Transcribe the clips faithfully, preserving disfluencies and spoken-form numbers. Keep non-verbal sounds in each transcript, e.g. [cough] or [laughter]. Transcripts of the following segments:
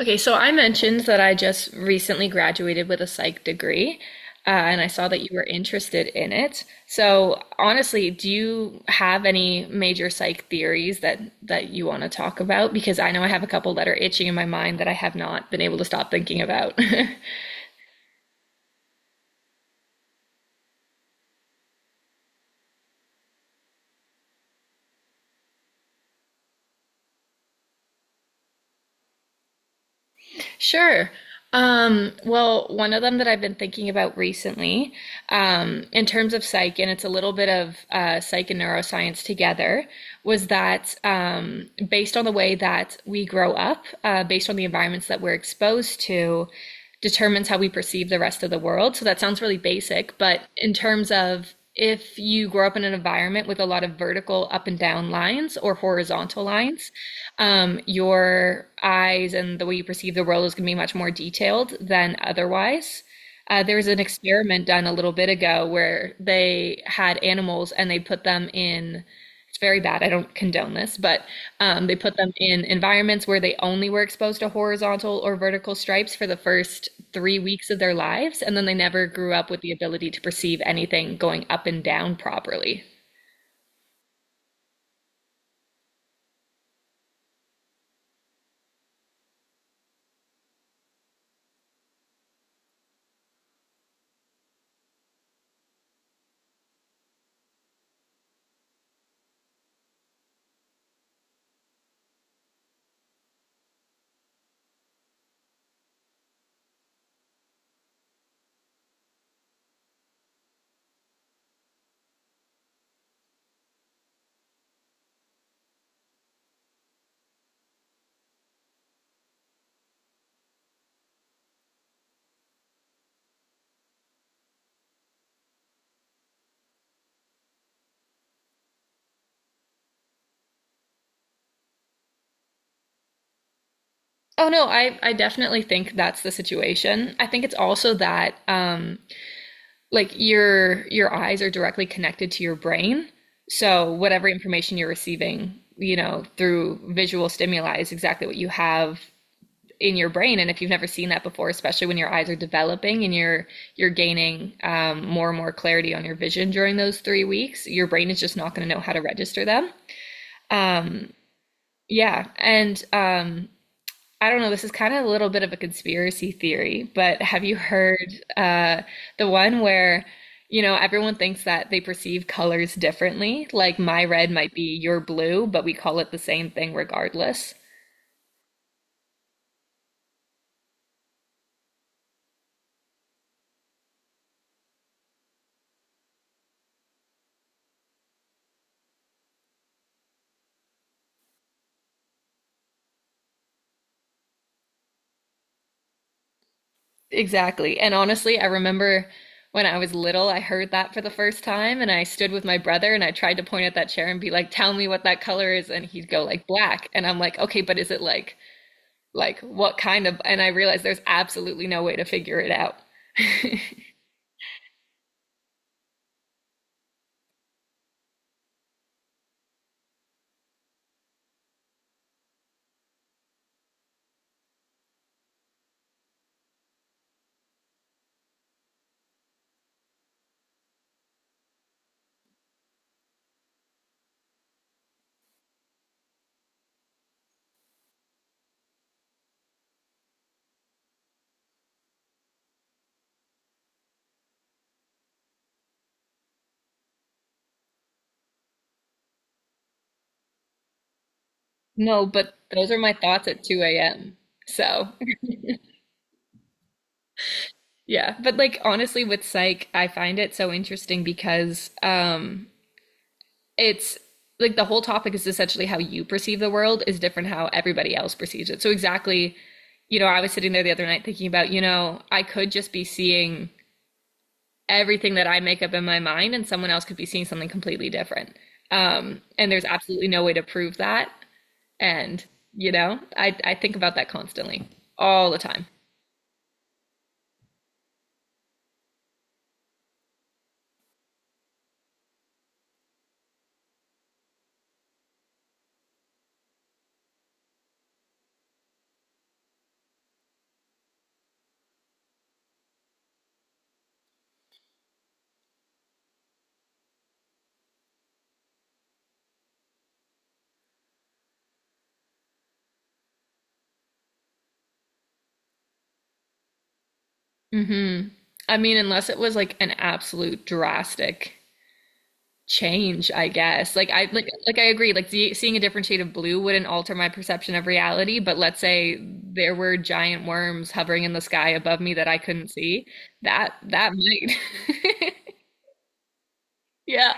Okay, so I mentioned that I just recently graduated with a psych degree, uh, and I saw that you were interested in it. So honestly, do you have any major psych theories that that you want to talk about? Because I know I have a couple that are itching in my mind that I have not been able to stop thinking about. [laughs] Sure. Um, well, one of them that I've been thinking about recently, um, in terms of psych, and it's a little bit of uh, psych and neuroscience together, was that um, based on the way that we grow up, uh, based on the environments that we're exposed to, determines how we perceive the rest of the world. So that sounds really basic, but in terms of if you grow up in an environment with a lot of vertical up and down lines or horizontal lines, um, your eyes and the way you perceive the world is going to be much more detailed than otherwise. Uh, there was an experiment done a little bit ago where they had animals and they put them in, it's very bad, I don't condone this, but um, they put them in environments where they only were exposed to horizontal or vertical stripes for the first three weeks of their lives, and then they never grew up with the ability to perceive anything going up and down properly. Oh no, I I definitely think that's the situation. I think it's also that um like your your eyes are directly connected to your brain. So whatever information you're receiving, you know, through visual stimuli is exactly what you have in your brain. And if you've never seen that before, especially when your eyes are developing and you're you're gaining um, more and more clarity on your vision during those three weeks, your brain is just not going to know how to register them. Yeah, and um, I don't know, this is kind of a little bit of a conspiracy theory, but have you heard uh, the one where, you know, everyone thinks that they perceive colors differently? Like my red might be your blue, but we call it the same thing regardless. Exactly. And honestly, I remember when I was little, I heard that for the first time, and I stood with my brother and I tried to point at that chair and be like, "Tell me what that color is," and he'd go like black, and I'm like, "Okay, but is it like like what kind of?" And I realized there's absolutely no way to figure it out. [laughs] No, but those are my thoughts at two a m. So, [laughs] yeah. But like honestly with psych, I find it so interesting because um it's like the whole topic is essentially how you perceive the world is different how everybody else perceives it. So exactly, you know, I was sitting there the other night thinking about, you know, I could just be seeing everything that I make up in my mind and someone else could be seeing something completely different. Um and there's absolutely no way to prove that, and you know, I I think about that constantly all the time. Mm-hmm. I mean, unless it was like an absolute drastic change, I guess. Like I like like I agree. Like the, seeing a different shade of blue wouldn't alter my perception of reality, but let's say there were giant worms hovering in the sky above me that I couldn't see. That that might. [laughs] Yeah.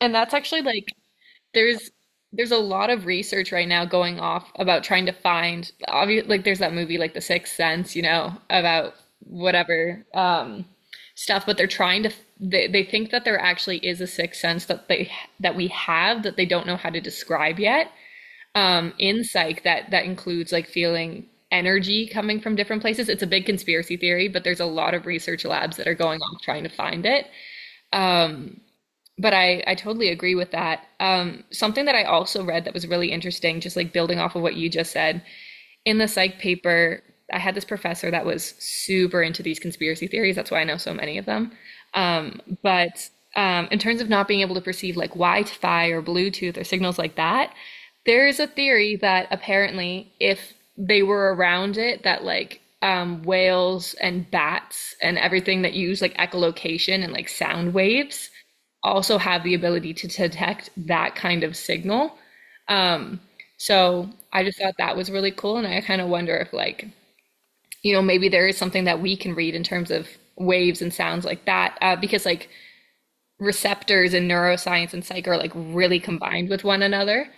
And that's actually like there's there's a lot of research right now going off about trying to find obvious like there's that movie like The Sixth Sense, you know, about whatever um stuff, but they're trying to they, they think that there actually is a sixth sense that they that we have that they don't know how to describe yet, um in psych, that that includes like feeling energy coming from different places. It's a big conspiracy theory, but there's a lot of research labs that are going on trying to find it. But i i totally agree with that. Um something that I also read that was really interesting, just like building off of what you just said, in the psych paper, I had this professor that was super into these conspiracy theories. That's why I know so many of them. But um, in terms of not being able to perceive like Wi-Fi or Bluetooth or signals like that, there is a theory that apparently if they were around it, that like um, whales and bats and everything that use like echolocation and like sound waves also have the ability to detect that kind of signal. So I just thought that was really cool, and I kind of wonder if like you know maybe there is something that we can read in terms of waves and sounds like that, uh, because like receptors in neuroscience and psych are like really combined with one another.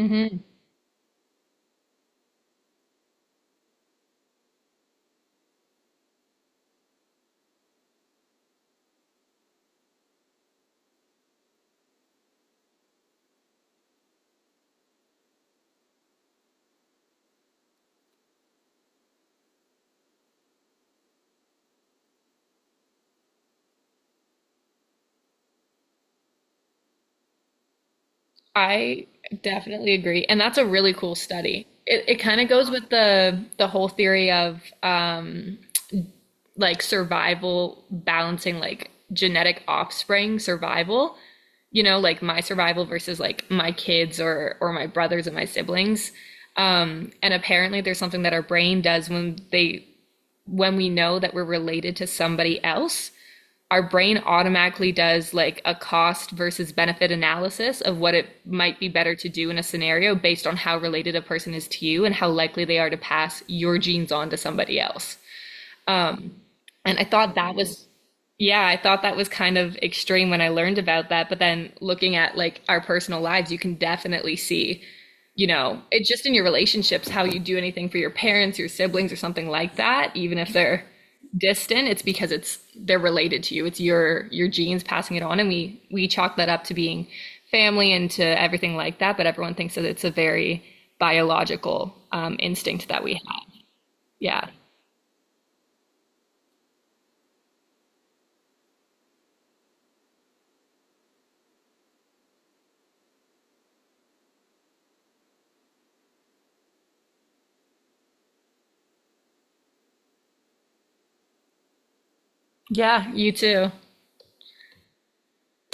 Mm-hmm. I definitely agree. And that's a really cool study. It, it kind of goes with the the whole theory of um, like survival, balancing like genetic offspring survival, you know, like my survival versus like my kids or or my brothers and my siblings. Um, and apparently there's something that our brain does when they when we know that we're related to somebody else, our brain automatically does like a cost versus benefit analysis of what it might be better to do in a scenario based on how related a person is to you and how likely they are to pass your genes on to somebody else. And I thought that was, yeah, I thought that was kind of extreme when I learned about that. But then looking at like our personal lives, you can definitely see, you know, it's just in your relationships, how you do anything for your parents, your siblings, or something like that, even if they're distant, it's because it's they're related to you. It's your your genes passing it on, and we we chalk that up to being family and to everything like that. But everyone thinks that it's a very biological um, instinct that we have. Yeah, yeah, you too.